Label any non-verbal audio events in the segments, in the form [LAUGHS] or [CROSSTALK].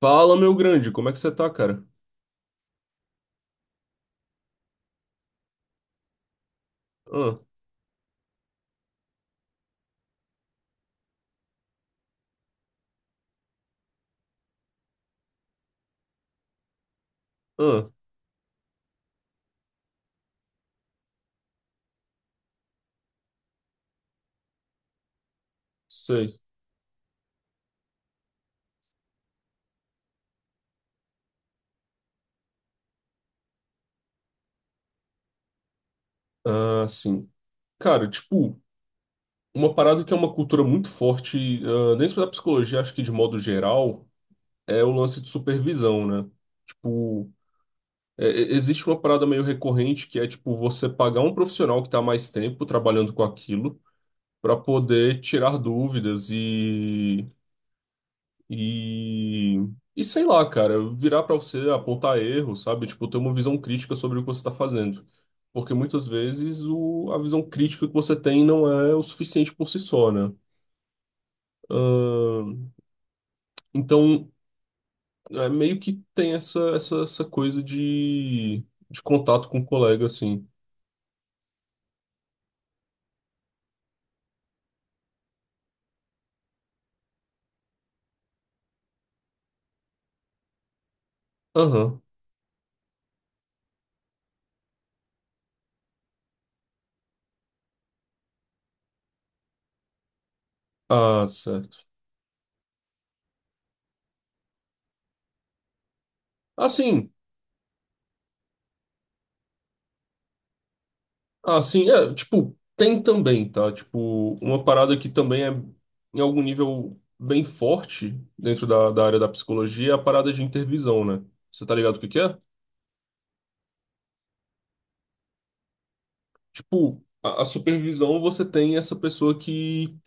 Fala, meu grande, como é que você tá, cara? Ah, ah, sei. Ah, sim. Cara, tipo, uma parada que é uma cultura muito forte, dentro da psicologia, acho que de modo geral, é o lance de supervisão, né? Tipo, é- existe uma parada meio recorrente que é, tipo, você pagar um profissional que tá há mais tempo trabalhando com aquilo pra poder tirar dúvidas e E, e sei lá, cara, virar pra você apontar erro, sabe? Tipo, ter uma visão crítica sobre o que você tá fazendo. Porque muitas vezes o, a visão crítica que você tem não é o suficiente por si só, né? Ahn, então, é meio que tem essa, essa coisa de contato com o colega, assim. Aham. Ah, certo. Assim. Ah, sim, é, tipo, tem também, tá? Tipo, uma parada que também é, em algum nível, bem forte dentro da área da psicologia é a parada de intervisão, né? Você tá ligado o que que é? Tipo, a supervisão você tem essa pessoa que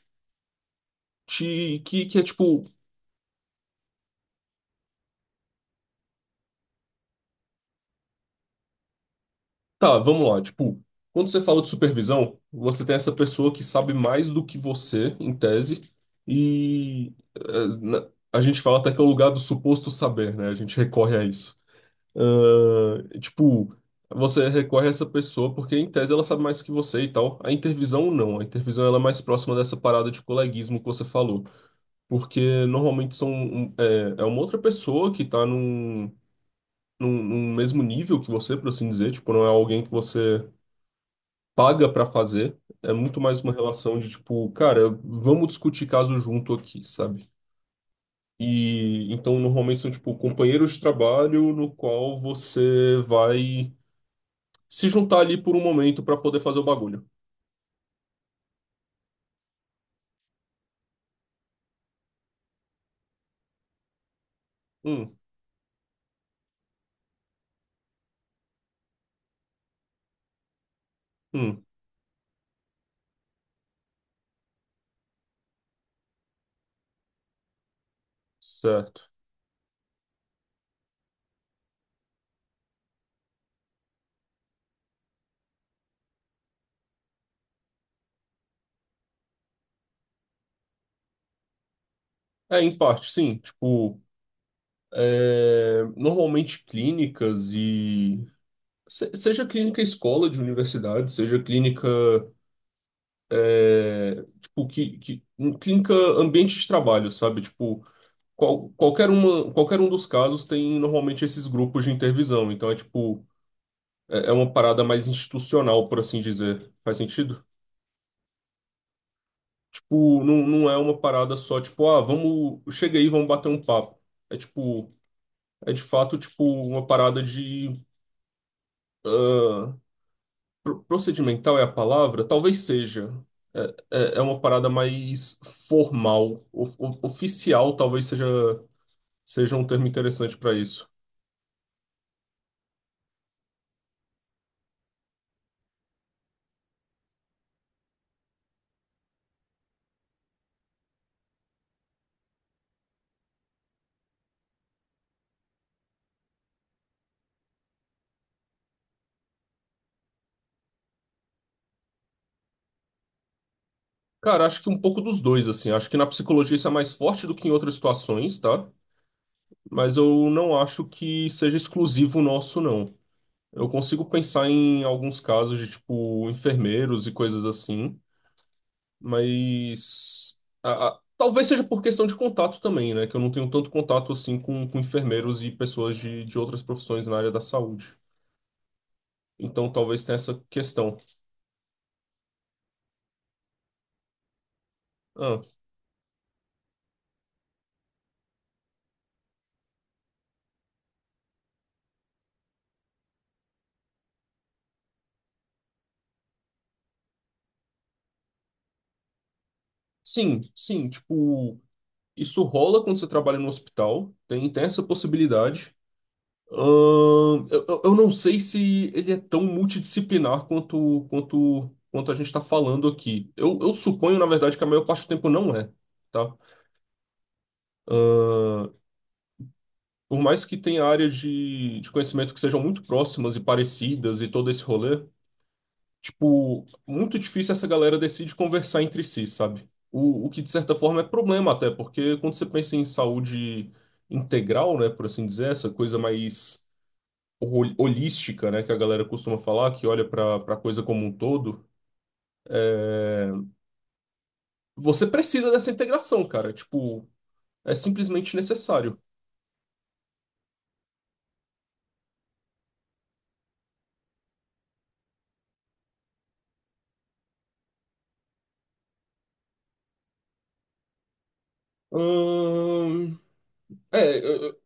te, que é tipo, tá, vamos lá, tipo, quando você fala de supervisão, você tem essa pessoa que sabe mais do que você, em tese, e a gente fala até que é o lugar do suposto saber, né? A gente recorre a isso. Ah, tipo, você recorre a essa pessoa porque, em tese, ela sabe mais que você e tal. A intervisão, não. A intervisão ela é mais próxima dessa parada de coleguismo que você falou. Porque, normalmente, são, é, é uma outra pessoa que tá num, num mesmo nível que você, por assim dizer. Tipo, não é alguém que você paga pra fazer. É muito mais uma relação de, tipo, cara, vamos discutir caso junto aqui, sabe? E então normalmente são tipo companheiros de trabalho no qual você vai se juntar ali por um momento para poder fazer o bagulho. Hum, hum, certo. É, em parte, sim. Tipo, é, normalmente clínicas e. Seja clínica escola de universidade, seja clínica. É, tipo, clínica ambiente de trabalho, sabe? Tipo, qualquer uma, qualquer um dos casos tem normalmente esses grupos de intervisão. Então é tipo. É uma parada mais institucional, por assim dizer. Faz sentido? Tipo, não, não é uma parada só, tipo, ah, vamos, chega aí, vamos bater um papo. É tipo, é de fato, tipo, uma parada de, ah, procedimental é a palavra? Talvez seja. É, é uma parada mais formal, oficial, talvez seja, seja um termo interessante para isso. Cara, acho que um pouco dos dois, assim. Acho que na psicologia isso é mais forte do que em outras situações, tá? Mas eu não acho que seja exclusivo nosso, não. Eu consigo pensar em alguns casos de, tipo, enfermeiros e coisas assim, mas talvez seja por questão de contato também, né? Que eu não tenho tanto contato assim com enfermeiros e pessoas de outras profissões na área da saúde. Então talvez tenha essa questão. Ah, sim, sim, tipo, isso rola quando você trabalha no hospital, tem, tem essa possibilidade. Eu não sei se ele é tão multidisciplinar quanto, quanto a gente está falando aqui. Eu suponho, na verdade, que a maior parte do tempo não é, tá? Ahn, por mais que tenha áreas de conhecimento que sejam muito próximas e parecidas e todo esse rolê, tipo, muito difícil essa galera decide conversar entre si, sabe? O que, de certa forma, é problema até, porque quando você pensa em saúde integral, né, por assim dizer, essa coisa mais holística, né, que a galera costuma falar, que olha para coisa como um todo, você precisa dessa integração, cara. Tipo, é simplesmente necessário. Ahn, é, eu- eu-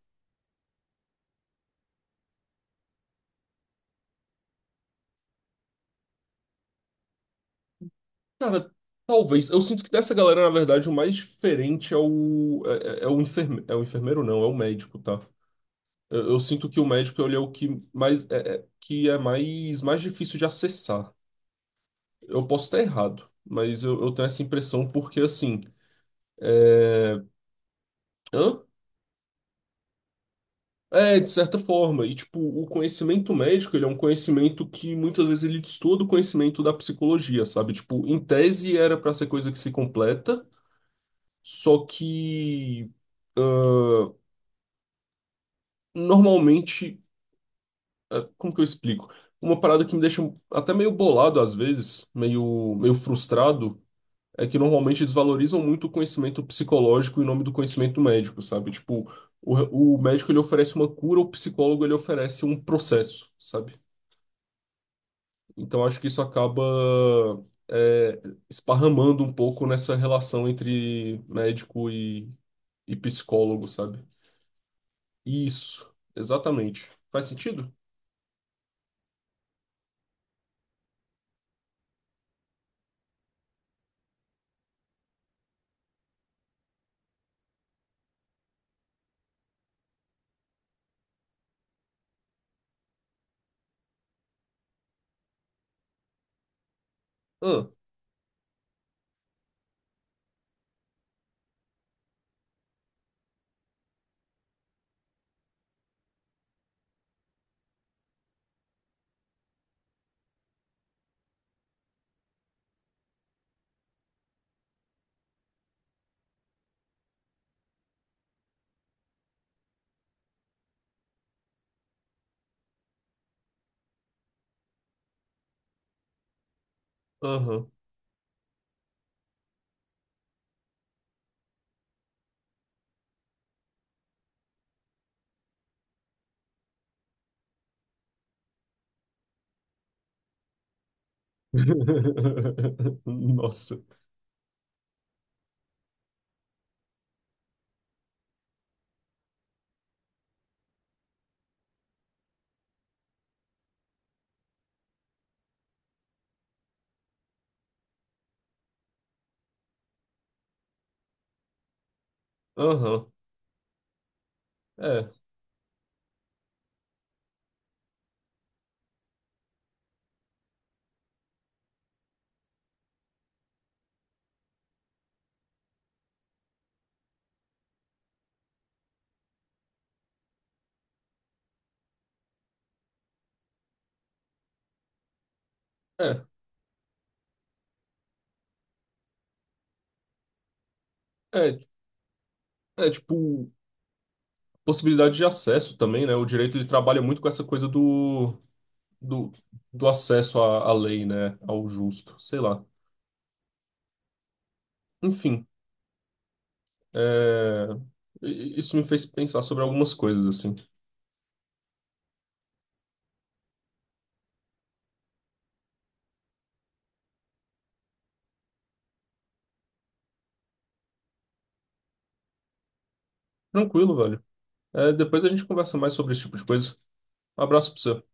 cara, talvez. Eu sinto que dessa galera, na verdade, o mais diferente é o é, é o enferme, é o enfermeiro, não, é o médico, tá? Eu sinto que o médico ele é o que mais é, que é mais mais difícil de acessar. Eu posso estar errado, mas eu tenho essa impressão porque assim, é... Hã? É, de certa forma. E, tipo, o conhecimento médico, ele é um conhecimento que muitas vezes ele destoa do conhecimento da psicologia, sabe? Tipo, em tese era pra ser coisa que se completa, só que normalmente, como que eu explico? Uma parada que me deixa até meio bolado às vezes, meio frustrado, é que normalmente desvalorizam muito o conhecimento psicológico em nome do conhecimento médico, sabe? Tipo, o médico ele oferece uma cura, o psicólogo ele oferece um processo, sabe? Então acho que isso acaba é, esparramando um pouco nessa relação entre médico e psicólogo, sabe? Isso, exatamente. Faz sentido? Hã, aham. [LAUGHS] Nossa. Aham. É, é, é, é tipo possibilidade de acesso também, né? O direito ele trabalha muito com essa coisa do, do, do acesso à, à lei, né? Ao justo, sei lá. Enfim. É, isso me fez pensar sobre algumas coisas, assim. Tranquilo, velho. É, depois a gente conversa mais sobre esse tipo de coisa. Um abraço pra você.